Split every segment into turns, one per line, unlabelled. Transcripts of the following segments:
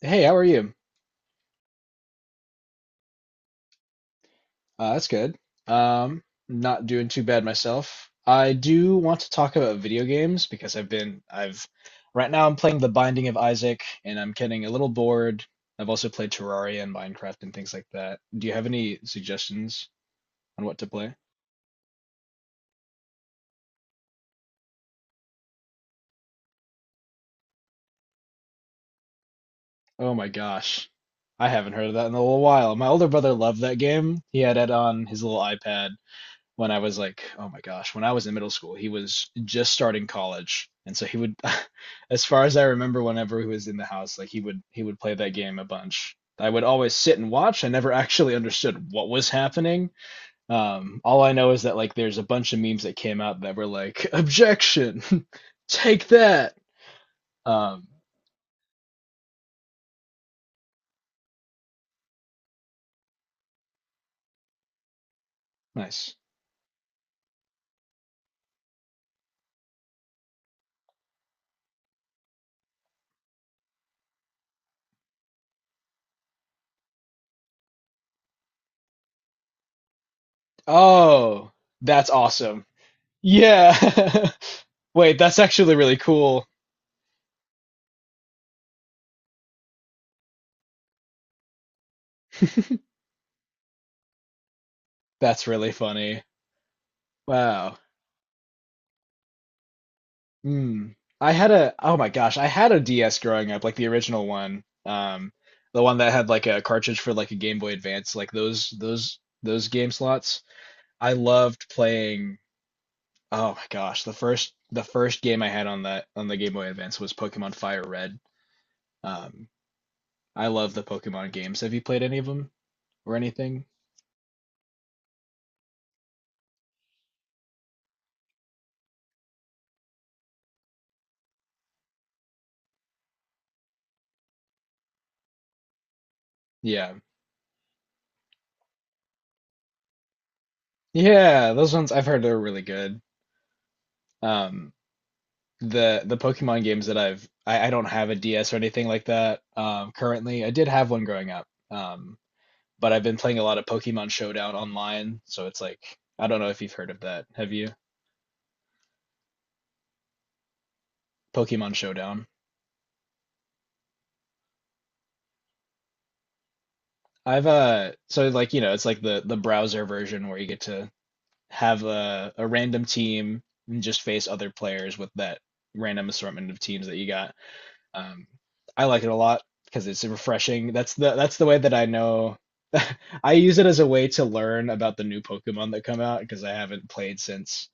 Hey, how are you? That's good. Um, Not doing too bad myself. I do want to talk about video games because right now I'm playing The Binding of Isaac and I'm getting a little bored. I've also played Terraria and Minecraft and things like that. Do you have any suggestions on what to play? Oh my gosh. I haven't heard of that in a little while. My older brother loved that game. He had it on his little iPad when I was like, oh my gosh, when I was in middle school, he was just starting college. And so he would, as far as I remember, whenever he was in the house, like he would play that game a bunch. I would always sit and watch. I never actually understood what was happening. All I know is that like there's a bunch of memes that came out that were like, objection, take that. Um, Nice. Oh, that's awesome. Yeah. Wait, that's actually really cool. That's really funny. Wow. Mm. Oh my gosh, I had a DS growing up, like the original one. The one that had like a cartridge for like a Game Boy Advance, like those game slots. I loved playing, oh my gosh, the first game I had on that on the Game Boy Advance was Pokemon Fire Red. Um, I love the Pokemon games. Have you played any of them or anything? Yeah. Yeah, those ones I've heard are really good. Um, the Pokemon games that I don't have a DS or anything like that currently. I did have one growing up, um, but I've been playing a lot of Pokemon Showdown online, so it's like I don't know if you've heard of that. Have you? Pokemon Showdown. I've so like you know it's like the browser version where you get to have a random team and just face other players with that random assortment of teams that you got. Um, I like it a lot because it's refreshing. That's the way that I know. I use it as a way to learn about the new Pokemon that come out because I haven't played since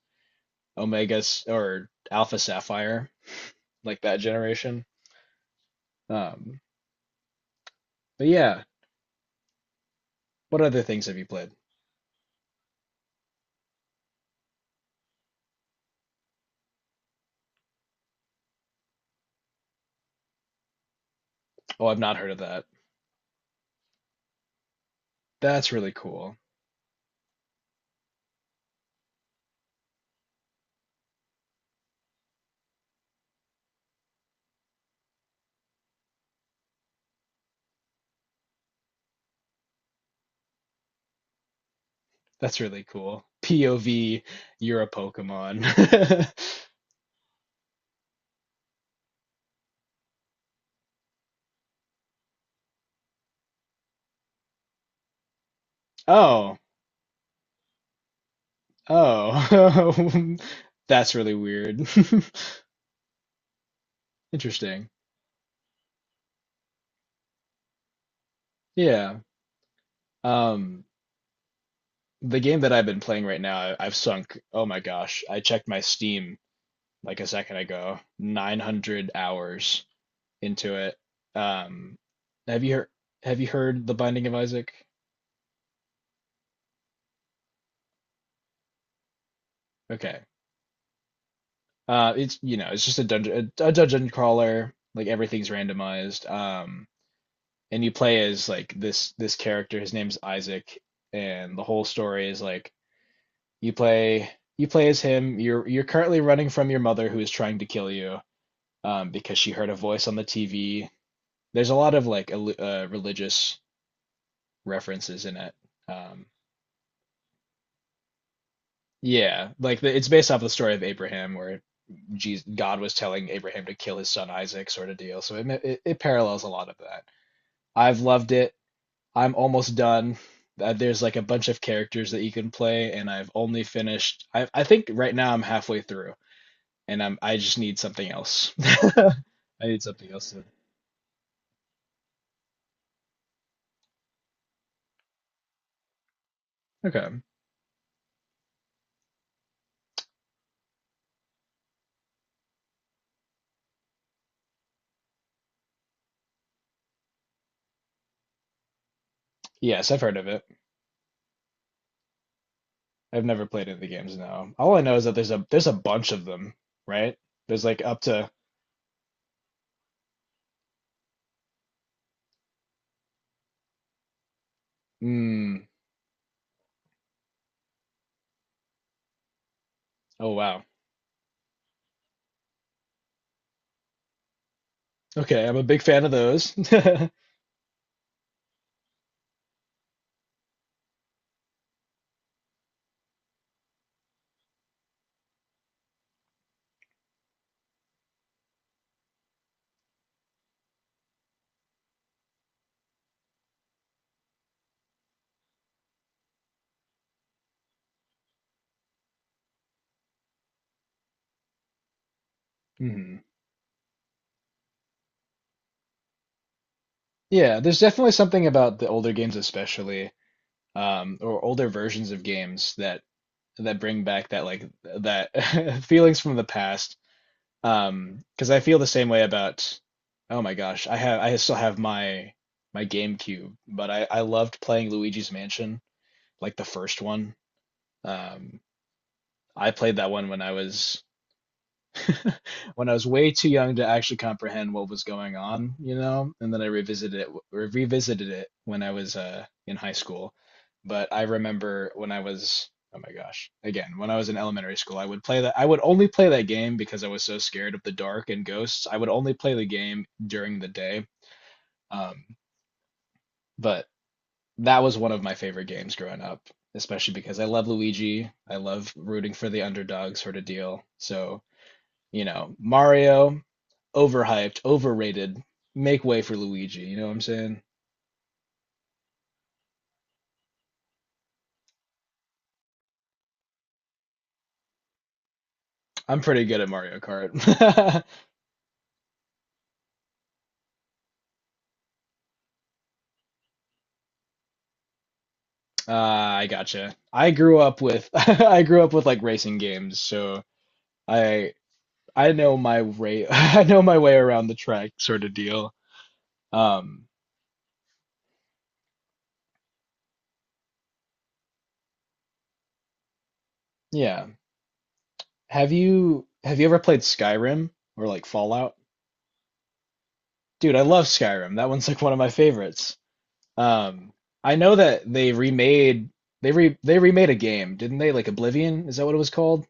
Omega S- or Alpha Sapphire, like that generation. Um, but yeah, what other things have you played? Oh, I've not heard of that. That's really cool. That's really cool. POV, you're a Pokemon. Oh, oh. That's really weird. Interesting. Yeah. Um, the game that I've been playing right now, I've sunk, oh my gosh, I checked my Steam like a second ago, 900 hours into it. Um, have you heard, have you heard The Binding of Isaac? Okay. It's, you know, it's just a a dungeon crawler, like everything's randomized. And you play as like this character, his name's Isaac, and the whole story is like you play you play as him. You're currently running from your mother who is trying to kill you because she heard a voice on the TV. There's a lot of like religious references in it. Um, yeah, like it's based off the story of Abraham, where Jesus, God was telling Abraham to kill his son Isaac, sort of deal. So it parallels a lot of that. I've loved it. I'm almost done. There's like a bunch of characters that you can play, and I've only finished. I think right now I'm halfway through, and I just need something else. I need something else to. Okay. Yes, I've heard of it. I've never played any of the games, no. All I know is that there's a bunch of them, right? There's like up to mm, oh wow. Okay, I'm a big fan of those. Mhm. Yeah, there's definitely something about the older games especially, or older versions of games that bring back that like that feelings from the past. 'Cause I feel the same way about oh my gosh, I still have my GameCube, but I loved playing Luigi's Mansion, like the first one. Um, I played that one when I was when I was way too young to actually comprehend what was going on, you know, and then I revisited it when I was in high school. But I remember when I was oh my gosh, again, when I was in elementary school, I would only play that game because I was so scared of the dark and ghosts. I would only play the game during the day. Um, but that was one of my favorite games growing up, especially because I love Luigi. I love rooting for the underdog sort of deal. So you know, Mario, overhyped, overrated. Make way for Luigi. You know what I'm saying? I'm pretty good at Mario Kart. I gotcha. I grew up with I grew up with like racing games, so I I know my way I know my way around the track sort of deal. Um, yeah. Have you ever played Skyrim or like Fallout? Dude, I love Skyrim. That one's like one of my favorites. Um, I know that they remade a game, didn't they? Like Oblivion, is that what it was called?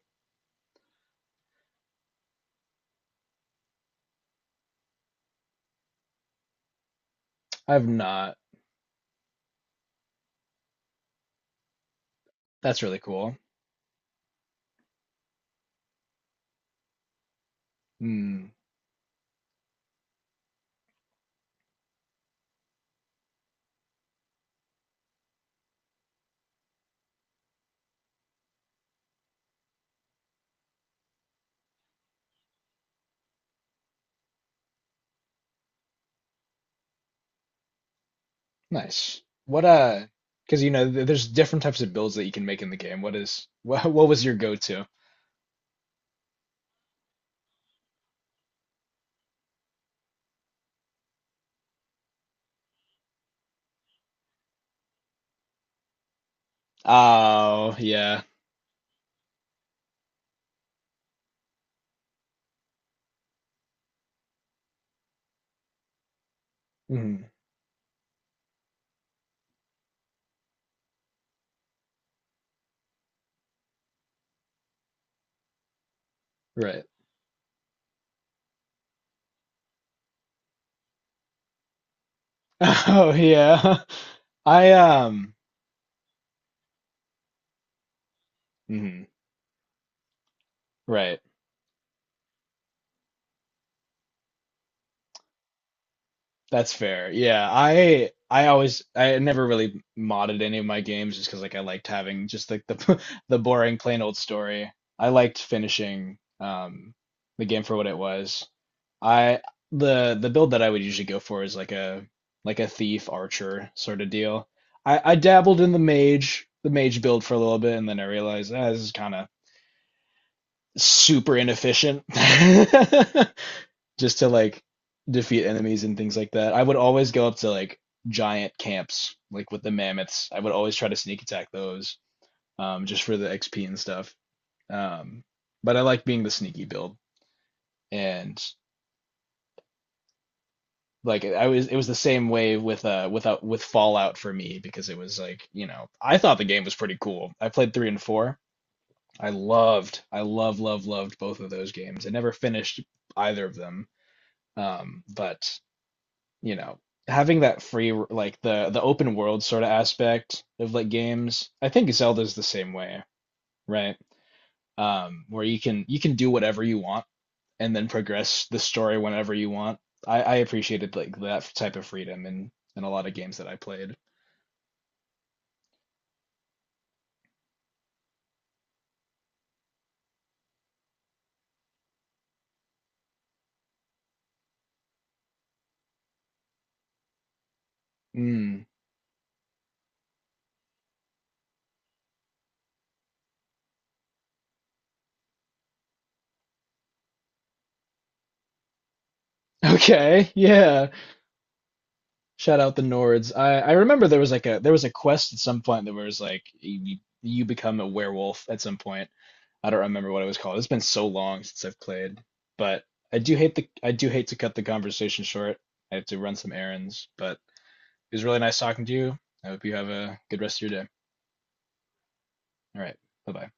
I've not. That's really cool. Hmm, nice. What because you know there's different types of builds that you can make in the game. What is what was your go-to? Oh yeah, hmm right. Oh yeah. I mhm, right. That's fair. Yeah, I always I never really modded any of my games just because like I liked having just like the the boring plain old story. I liked finishing the game for what it was. I the build that I would usually go for is like a thief archer sort of deal. I dabbled in the mage build for a little bit and then I realized ah, this is kind of super inefficient. Just to like defeat enemies and things like that. I would always go up to like giant camps, like with the mammoths. I would always try to sneak attack those, just for the XP and stuff. Um, but I like being the sneaky build, and like I was, it was the same way with without with Fallout for me because it was like you know I thought the game was pretty cool. I played three and four. I love, love, loved both of those games. I never finished either of them, but you know, having that free like the open world sort of aspect of like games. I think Zelda's the same way, right? Where you can do whatever you want and then progress the story whenever you want. I appreciated like that type of freedom in a lot of games that I played. Mm. Okay, yeah. Shout out the Nords. I remember there was a quest at some point that was like you become a werewolf at some point. I don't remember what it was called. It's been so long since I've played, but I do hate to cut the conversation short. I have to run some errands, but it was really nice talking to you. I hope you have a good rest of your day. All right. Bye-bye.